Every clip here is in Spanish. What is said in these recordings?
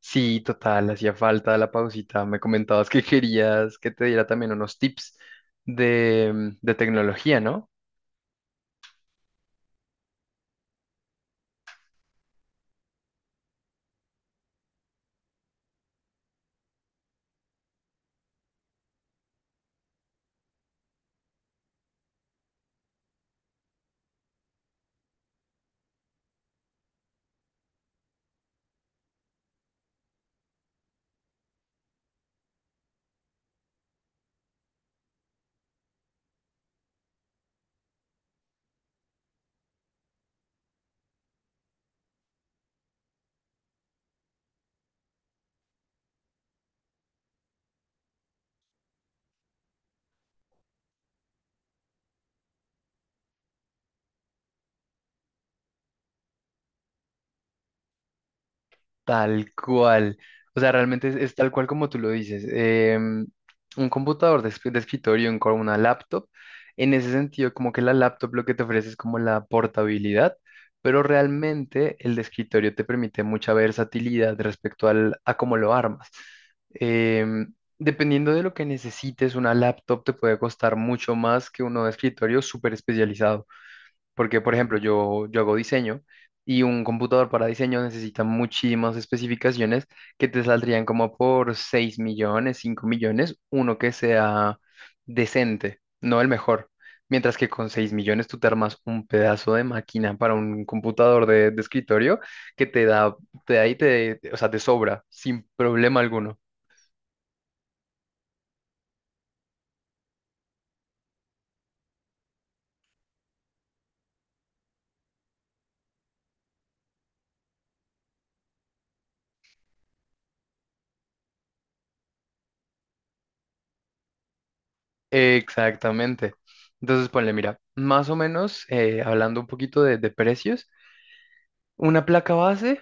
Sí, total, hacía falta la pausita. Me comentabas que querías que te diera también unos tips de, de tecnología, ¿no? Tal cual. O sea, realmente es tal cual como tú lo dices. em, un computador de, de escritorio, una laptop, en ese sentido, como que la laptop lo que te ofrece es como la portabilidad, pero realmente el de escritorio te permite mucha versatilidad respecto al, a cómo lo armas. Dependiendo de lo que necesites, una laptop te puede costar mucho más que uno de escritorio súper especializado. Porque, por ejemplo, yo hago diseño y un computador para diseño necesita muchísimas especificaciones que te saldrían como por 6 millones, 5 millones, uno que sea decente, no el mejor. Mientras que con 6 millones tú te armas un pedazo de máquina para un computador de escritorio que te da y te, o sea, te sobra sin problema alguno. Exactamente. Entonces, ponle, mira, más o menos, hablando un poquito de precios. Una placa base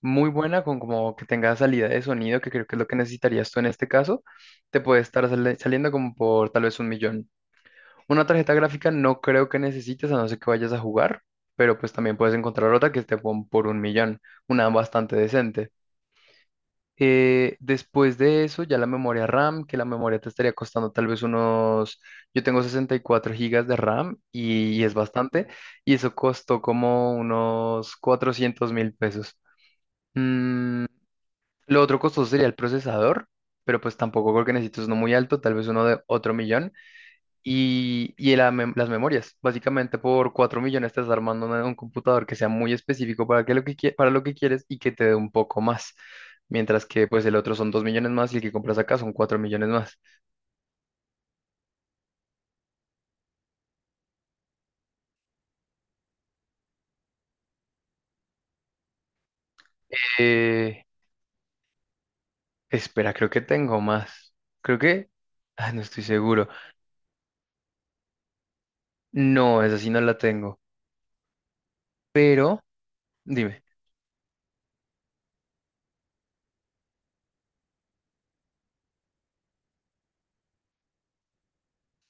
muy buena, con como que tenga salida de sonido, que creo que es lo que necesitarías tú en este caso, te puede estar saliendo como por tal vez 1 millón. Una tarjeta gráfica no creo que necesites, a no ser que vayas a jugar, pero pues también puedes encontrar otra que esté por 1 millón, una bastante decente. Después de eso, ya la memoria RAM, que la memoria te estaría costando tal vez unos, yo tengo 64 gigas de RAM y es bastante, y eso costó como unos $400.000. Mm, lo otro costoso sería el procesador, pero pues tampoco creo que necesites uno muy alto, tal vez uno de otro millón. Y la las memorias. Básicamente por 4 millones estás armando un computador que sea muy específico para, que lo que, para lo que quieres y que te dé un poco más. Mientras que pues el otro son 2 millones más y el que compras acá son 4 millones más. Eh, Espera, creo que tengo más. Creo que... Ah, no estoy seguro. No, esa sí no la tengo. Pero, dime.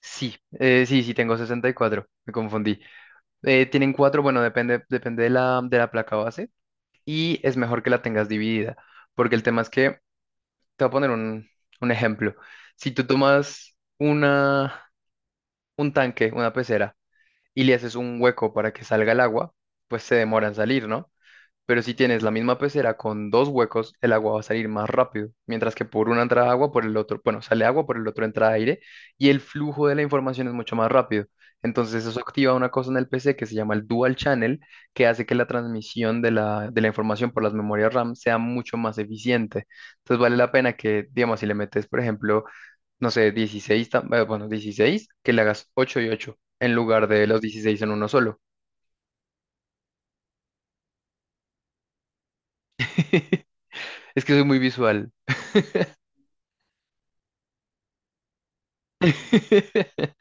Sí, sí tengo 64. Me confundí. Tienen cuatro, bueno, depende, depende de la placa base y es mejor que la tengas dividida, porque el tema es que, te voy a poner un ejemplo. Si tú tomas una, un tanque, una pecera, y le haces un hueco para que salga el agua, pues se demora en salir, ¿no? Pero si tienes la misma pecera con dos huecos, el agua va a salir más rápido, mientras que por una entra agua, por el otro, bueno, sale agua, por el otro entra aire, y el flujo de la información es mucho más rápido. Entonces eso activa una cosa en el PC que se llama el dual channel, que hace que la transmisión de la información por las memorias RAM sea mucho más eficiente. Entonces vale la pena que, digamos, si le metes, por ejemplo, no sé, 16, 16, que le hagas 8 y 8, en lugar de los 16 en uno solo. Es que soy muy visual.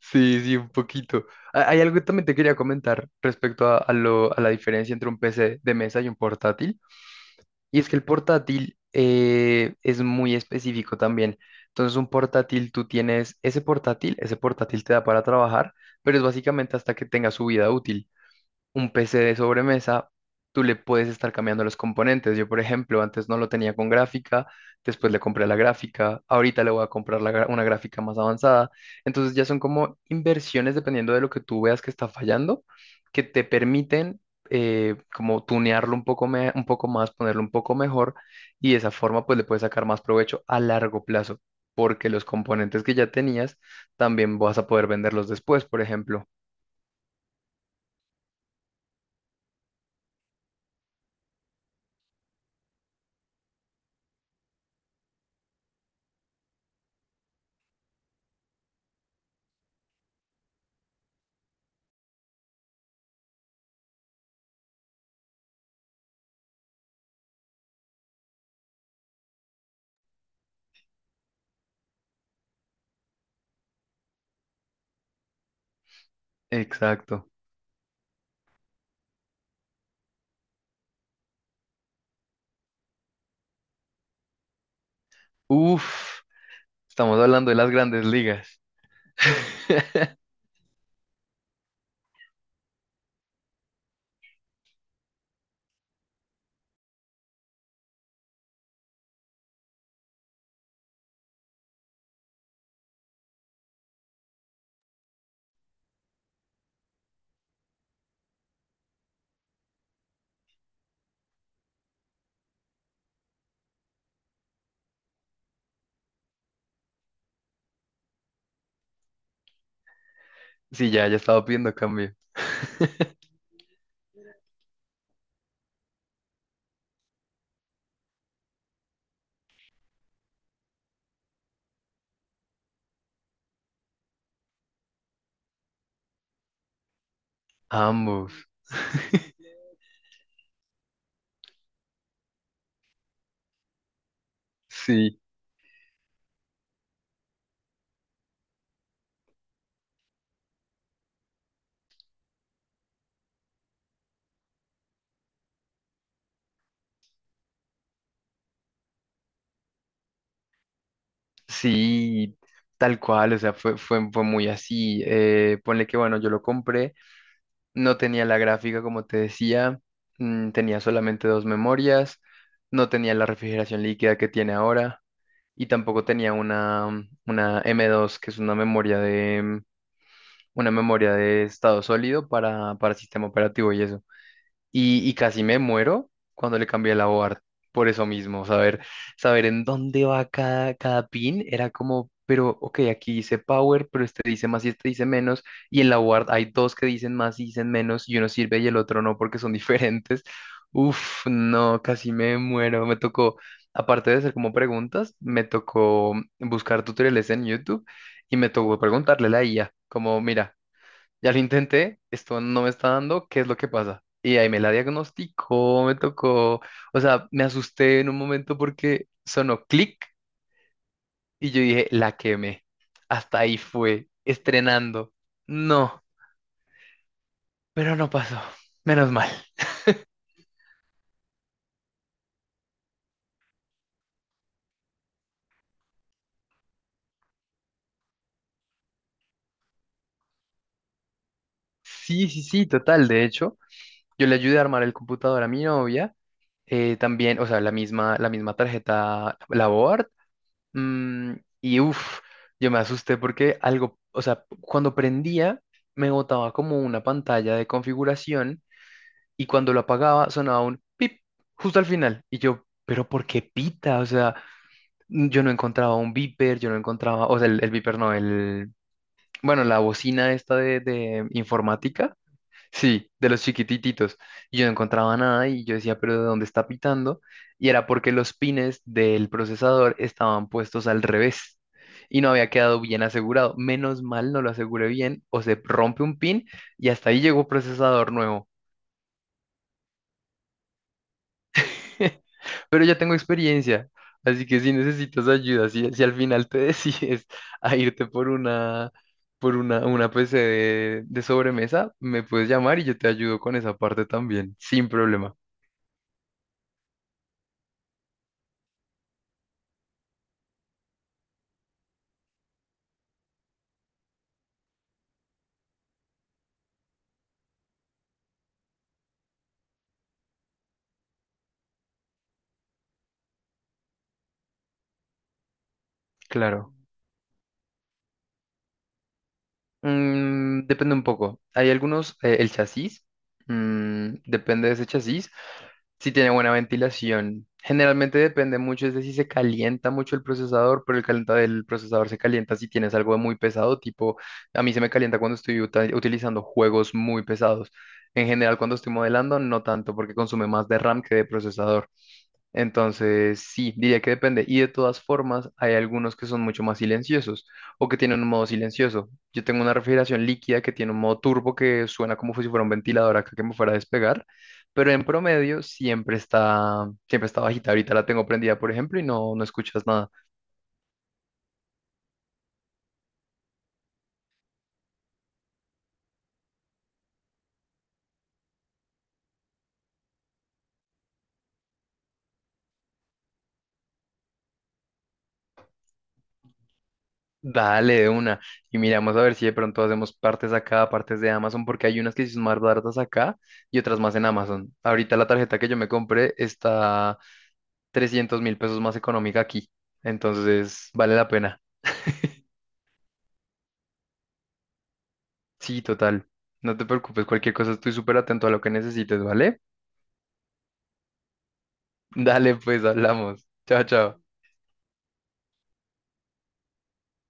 Sí, sí, un poquito. Hay algo que también te quería comentar respecto a, a la diferencia entre un PC de mesa y un portátil. Y es que el portátil es muy específico también. Entonces, un portátil, tú tienes ese portátil te da para trabajar, pero es básicamente hasta que tenga su vida útil un PC de sobremesa, tú le puedes estar cambiando los componentes. Yo, por ejemplo, antes no lo tenía con gráfica, después le compré la gráfica, ahorita le voy a comprar la una gráfica más avanzada. Entonces ya son como inversiones dependiendo de lo que tú veas que está fallando, que te permiten como tunearlo un poco, un poco más, ponerlo un poco mejor y de esa forma pues le puedes sacar más provecho a largo plazo. Porque los componentes que ya tenías también vas a poder venderlos después, por ejemplo. Exacto. Uf. Estamos hablando de las grandes ligas. Sí, ya, ya estaba pidiendo cambio. Ambos. Sí, sí, tal cual, o sea, fue muy así. Ponle que, bueno, yo lo compré, no tenía la gráfica, como te decía, mm, tenía solamente dos memorias, no tenía la refrigeración líquida que tiene ahora y tampoco tenía una M2, que es una memoria de estado sólido para sistema operativo y eso. Y casi me muero cuando le cambié la board. Por eso mismo, saber, saber en dónde va cada pin era como, pero ok, aquí dice power, pero este dice más y este dice menos, y en la board hay dos que dicen más y dicen menos, y uno sirve y el otro no porque son diferentes. Uf, no, casi me muero. Me tocó, aparte de hacer como preguntas, me tocó buscar tutoriales en YouTube y me tocó preguntarle a la IA, como, mira, ya lo intenté, esto no me está dando, ¿qué es lo que pasa? Y ahí me la diagnosticó, me tocó, o sea, me asusté en un momento porque sonó clic y yo dije, la quemé. Hasta ahí fue, estrenando. No, pero no pasó, menos mal. Sí, sí, sí, total, de hecho, yo le ayudé a armar el computador a mi novia, también, o sea, la misma tarjeta, la board. Mm, y uff, yo me asusté porque algo, o sea, cuando prendía me botaba como una pantalla de configuración y cuando lo apagaba sonaba un pip justo al final. Y yo, pero ¿por qué pita? O sea, yo no encontraba un beeper, yo no encontraba, o sea, el beeper no, el, bueno, la bocina esta de informática. Sí, de los chiquitititos. Y yo no encontraba nada y yo decía, pero ¿de dónde está pitando? Y era porque los pines del procesador estaban puestos al revés y no había quedado bien asegurado. Menos mal no lo aseguré bien o se rompe un pin y hasta ahí llegó procesador nuevo. Pero ya tengo experiencia, así que si necesitas ayuda, si al final te decides a irte por una, una PC de sobremesa, me puedes llamar y yo te ayudo con esa parte también, sin problema. Claro. Mm, depende un poco. Hay algunos, el chasis, mm, depende de ese chasis, si tiene buena ventilación. Generalmente depende mucho, es de si se calienta mucho el procesador, pero el calentado del procesador se calienta si tienes algo muy pesado, tipo, a mí se me calienta cuando estoy utilizando juegos muy pesados. En general, cuando estoy modelando, no tanto, porque consume más de RAM que de procesador. Entonces, sí, diría que depende. Y de todas formas, hay algunos que son mucho más silenciosos o que tienen un modo silencioso. Yo tengo una refrigeración líquida que tiene un modo turbo que suena como si fuera un ventilador acá que me fuera a despegar, pero en promedio siempre está bajita. Ahorita la tengo prendida, por ejemplo, y no, no escuchas nada. Dale de una y miramos a ver si de pronto hacemos partes acá, partes de Amazon, porque hay unas que sí son más baratas acá y otras más en Amazon. Ahorita la tarjeta que yo me compré está $300.000 más económica aquí. Entonces, vale la pena. Sí, total. No te preocupes, cualquier cosa estoy súper atento a lo que necesites, ¿vale? Dale, pues hablamos. Chao, chao.